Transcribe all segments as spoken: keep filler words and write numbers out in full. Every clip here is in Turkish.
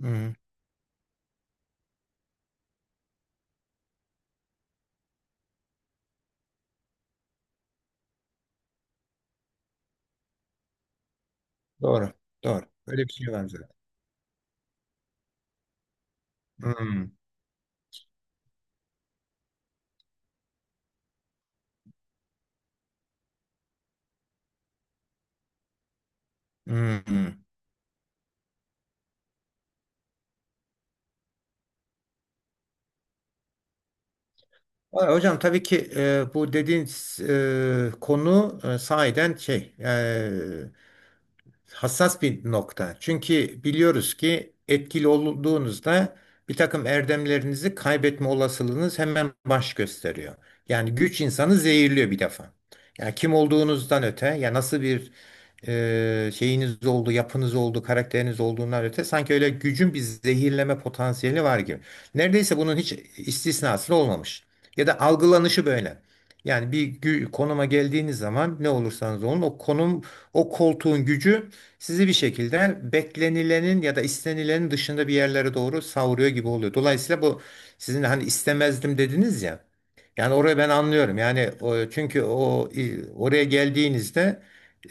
Hmm, doğru. Doğru. Öyle bir şey var zaten. Hmm, hmm, hmm. Valla Hocam, tabii ki e, bu dediğiniz e, konu e, sahiden şey hassas bir nokta. Çünkü biliyoruz ki etkili olduğunuzda bir takım erdemlerinizi kaybetme olasılığınız hemen baş gösteriyor. Yani güç insanı zehirliyor bir defa. Yani kim olduğunuzdan öte, ya nasıl bir e, şeyiniz oldu, yapınız oldu, karakteriniz olduğundan öte sanki öyle gücün bir zehirleme potansiyeli var gibi. Neredeyse bunun hiç istisnası olmamış. Ya da algılanışı böyle. Yani bir gü- konuma geldiğiniz zaman ne olursanız olun, o konum, o koltuğun gücü sizi bir şekilde beklenilenin ya da istenilenin dışında bir yerlere doğru savuruyor gibi oluyor. Dolayısıyla bu, sizin hani istemezdim dediniz ya. Yani orayı ben anlıyorum. Yani o, çünkü o e, oraya geldiğinizde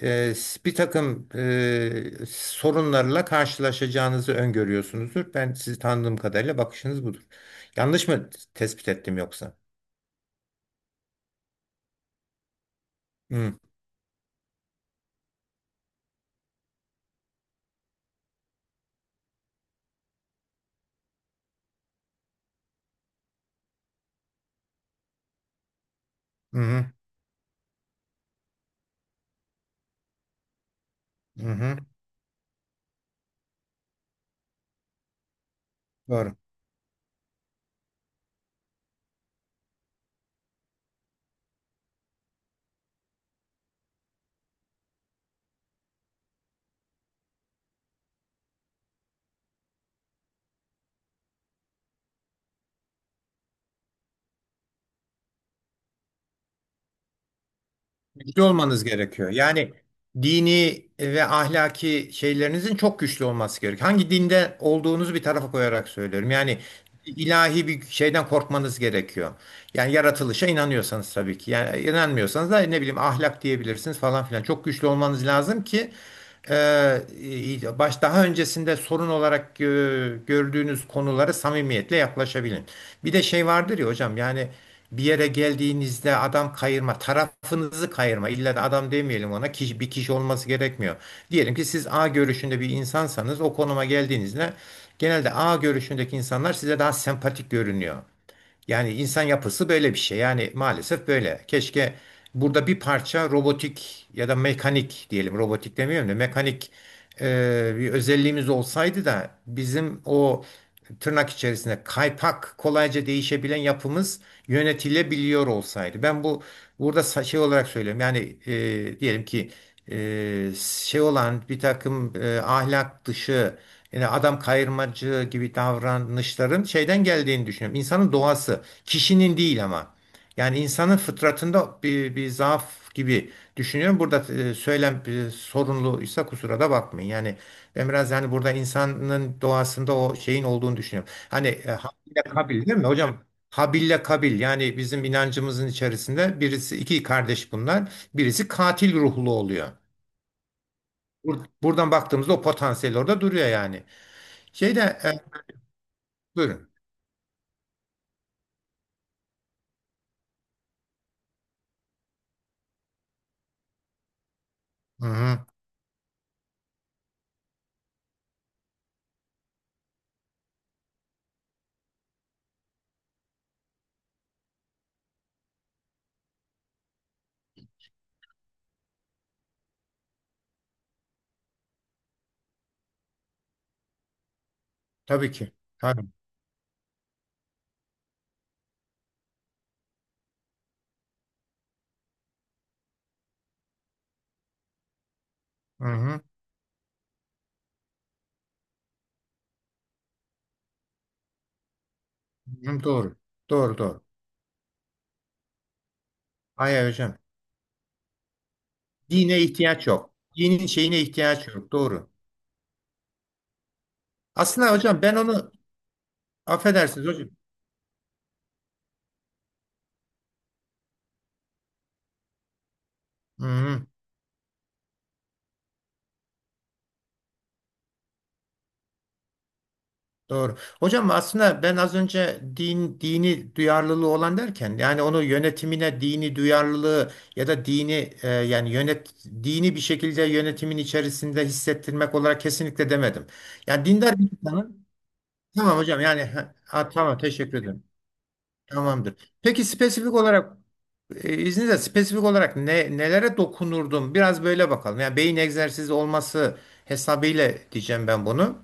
e, bir takım e, sorunlarla karşılaşacağınızı öngörüyorsunuzdur. Ben sizi tanıdığım kadarıyla bakışınız budur. Yanlış mı tespit ettim yoksa? Hı hı hı. Hı. Doğru. Güçlü olmanız gerekiyor. Yani dini ve ahlaki şeylerinizin çok güçlü olması gerekiyor. Hangi dinde olduğunuzu bir tarafa koyarak söylüyorum. Yani ilahi bir şeyden korkmanız gerekiyor. Yani yaratılışa inanıyorsanız tabii ki. Yani inanmıyorsanız da ne bileyim, ahlak diyebilirsiniz falan filan. Çok güçlü olmanız lazım ki e, baş daha öncesinde sorun olarak e, gördüğünüz konulara samimiyetle yaklaşabilin. Bir de şey vardır ya hocam, yani bir yere geldiğinizde adam kayırma, tarafınızı kayırma. İlla da adam demeyelim ona. Kişi, bir kişi olması gerekmiyor. Diyelim ki siz A görüşünde bir insansanız, o konuma geldiğinizde genelde A görüşündeki insanlar size daha sempatik görünüyor. Yani insan yapısı böyle bir şey. Yani maalesef böyle. Keşke burada bir parça robotik ya da mekanik diyelim. Robotik demiyorum da mekanik e, bir özelliğimiz olsaydı da bizim o tırnak içerisinde kaypak, kolayca değişebilen yapımız yönetilebiliyor olsaydı. Ben bu burada sa- şey olarak söylüyorum. Yani e, diyelim ki e, şey olan bir takım e, ahlak dışı, yani adam kayırmacı gibi davranışların şeyden geldiğini düşünüyorum. İnsanın doğası, kişinin değil ama. Yani insanın fıtratında bir, bir zaaf gibi düşünüyorum. Burada e, söylem e, sorunluysa kusura da bakmayın. Yani ben biraz, yani burada insanın doğasında o şeyin olduğunu düşünüyorum. Hani e, Habil'le Kabil, değil mi hocam? Habil'le Kabil, yani bizim inancımızın içerisinde birisi iki kardeş bunlar. Birisi katil ruhlu oluyor. Bur- Buradan baktığımızda o potansiyel orada duruyor yani. Şeyde. e, Buyurun. Hı hı. Tabii ki. Tabii. Hı hı. Hı, doğru. Doğru doğru. Hayır hocam. Dine ihtiyaç yok. Dinin şeyine ihtiyaç yok. Doğru. Aslında hocam ben onu, affedersiniz hocam. Hı hı. Doğru. Hocam aslında ben az önce din dini duyarlılığı olan derken, yani onu yönetimine dini duyarlılığı ya da dini e, yani yönet dini bir şekilde yönetimin içerisinde hissettirmek olarak kesinlikle demedim. Yani dindar bir insanın, tamam hocam, yani ha, ha, tamam, teşekkür ederim. Tamamdır. Peki spesifik olarak, e, izninizle spesifik olarak ne nelere dokunurdum? Biraz böyle bakalım. Yani beyin egzersizi olması hesabıyla diyeceğim ben bunu.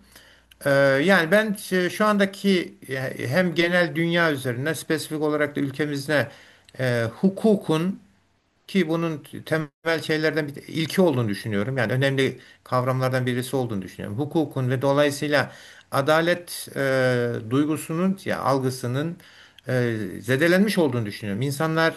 Ee, yani ben ş- şu andaki e, hem genel dünya üzerine spesifik olarak da ülkemizde e, hukukun, ki bunun temel şeylerden bir ilki olduğunu düşünüyorum. Yani önemli kavramlardan birisi olduğunu düşünüyorum. Hukukun ve dolayısıyla adalet e, duygusunun ya algısının e, zedelenmiş olduğunu düşünüyorum. İnsanlar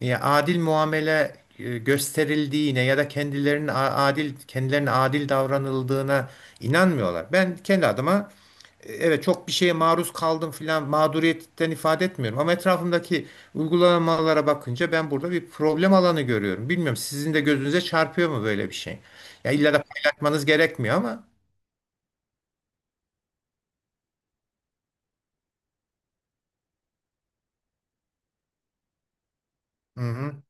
ya, adil muamele e, gösterildiğine ya da kendilerinin a- adil, kendilerine adil davranıldığına inanmıyorlar. Ben kendi adıma, evet, çok bir şeye maruz kaldım filan mağduriyetten ifade etmiyorum. Ama etrafımdaki uygulamalara bakınca ben burada bir problem alanı görüyorum. Bilmiyorum sizin de gözünüze çarpıyor mu böyle bir şey? Ya illa da paylaşmanız gerekmiyor ama. Hı hı,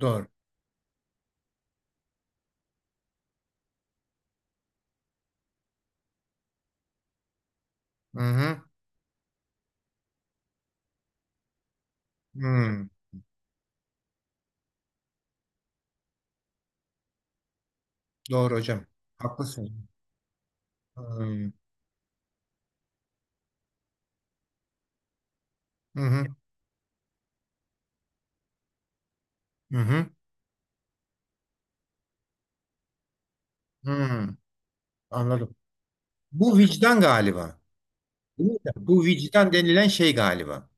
doğru. Hı hı, hı, doğru hocam. Haklısın. Hı hı, hı hı, hı, anladım. Bu vicdan galiba. Değil mi? Bu vicdan denilen şey galiba.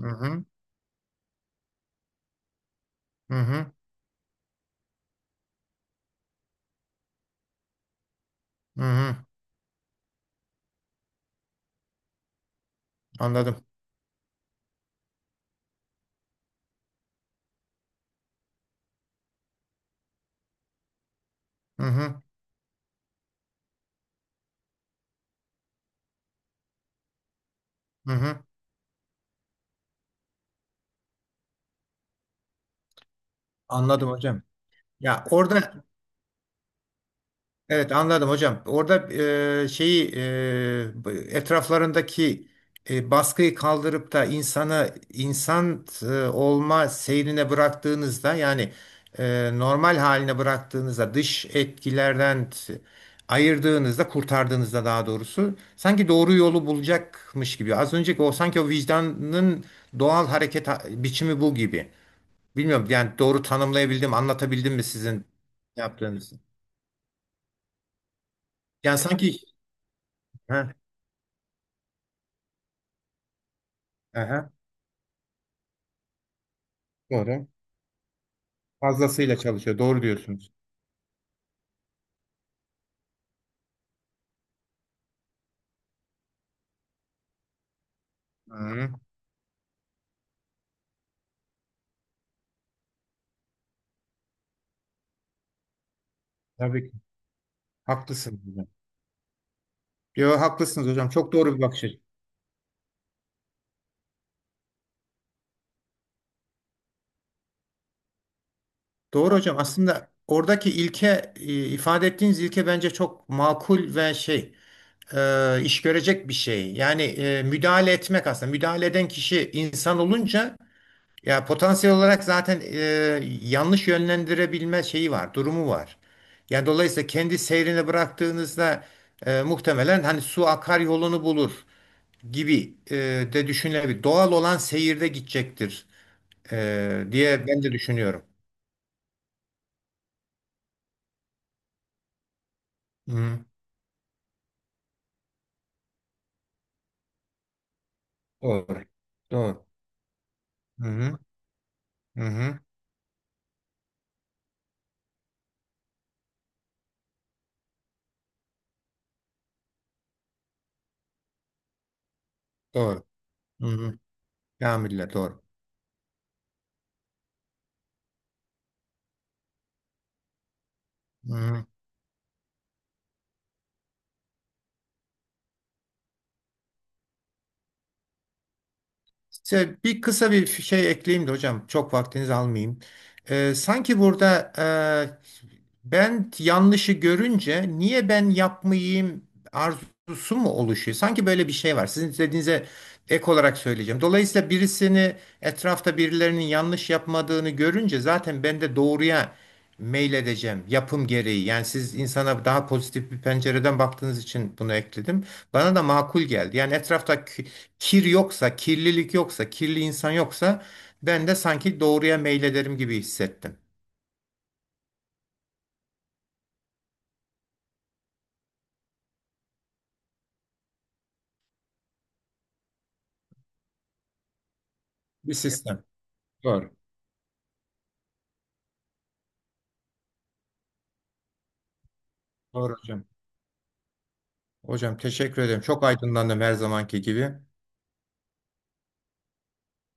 Hı hı, hı hı, hı hı, anladım. Hı hı, hı hı, anladım hocam. Ya orada, evet, anladım hocam. Orada e, şeyi e, bu- etraflarındaki e, baskıyı kaldırıp da insanı insan e, olma seyrine bıraktığınızda, yani e, normal haline bıraktığınızda, dış etkilerden t- ayırdığınızda, kurtardığınızda daha doğrusu, sanki doğru yolu bulacakmış gibi. Az önceki o, sanki o vicdanın doğal hareket ha- biçimi bu gibi. Bilmiyorum, yani doğru tanımlayabildim, anlatabildim mi sizin yaptığınız? Yani sanki ha, aha, doğru. Fazlasıyla çalışıyor. Doğru diyorsunuz. Hı, tabii ki. Haklısınız hocam. Yo, haklısınız hocam. Çok doğru bir bakış açısı. Doğru hocam. Aslında oradaki ilke, e, ifade ettiğiniz ilke bence çok makul ve şey, e, iş görecek bir şey. Yani e, müdahale etmek aslında. Müdahale eden kişi insan olunca, ya potansiyel olarak zaten e, yanlış yönlendirebilme şeyi var, durumu var. Ya dolayısıyla kendi seyrine bıraktığınızda e, muhtemelen, hani su akar yolunu bulur gibi e, de düşünülebilir. Doğal olan seyirde gidecektir e, diye ben de düşünüyorum. Hı, doğru. Doğru. Hı hı. Hı hı. Doğru. Hı hı. Kamille doğru. Hı hı. Size bir kısa bir şey ekleyeyim de hocam, çok vaktinizi almayayım. Ee, sanki burada e, ben yanlışı görünce niye ben yapmayayım arzusu mu oluşuyor? Sanki böyle bir şey var. Sizin dediğinize ek olarak söyleyeceğim. Dolayısıyla birisini, etrafta birilerinin yanlış yapmadığını görünce zaten ben de doğruya meyledeceğim yapım gereği. Yani siz insana daha pozitif bir pencereden baktığınız için bunu ekledim. Bana da makul geldi. Yani etrafta kir yoksa, kirlilik yoksa, kirli insan yoksa, ben de sanki doğruya meylederim gibi hissettim. Bir sistem. Doğru. Doğru hocam. Hocam teşekkür ederim. Çok aydınlandım her zamanki gibi.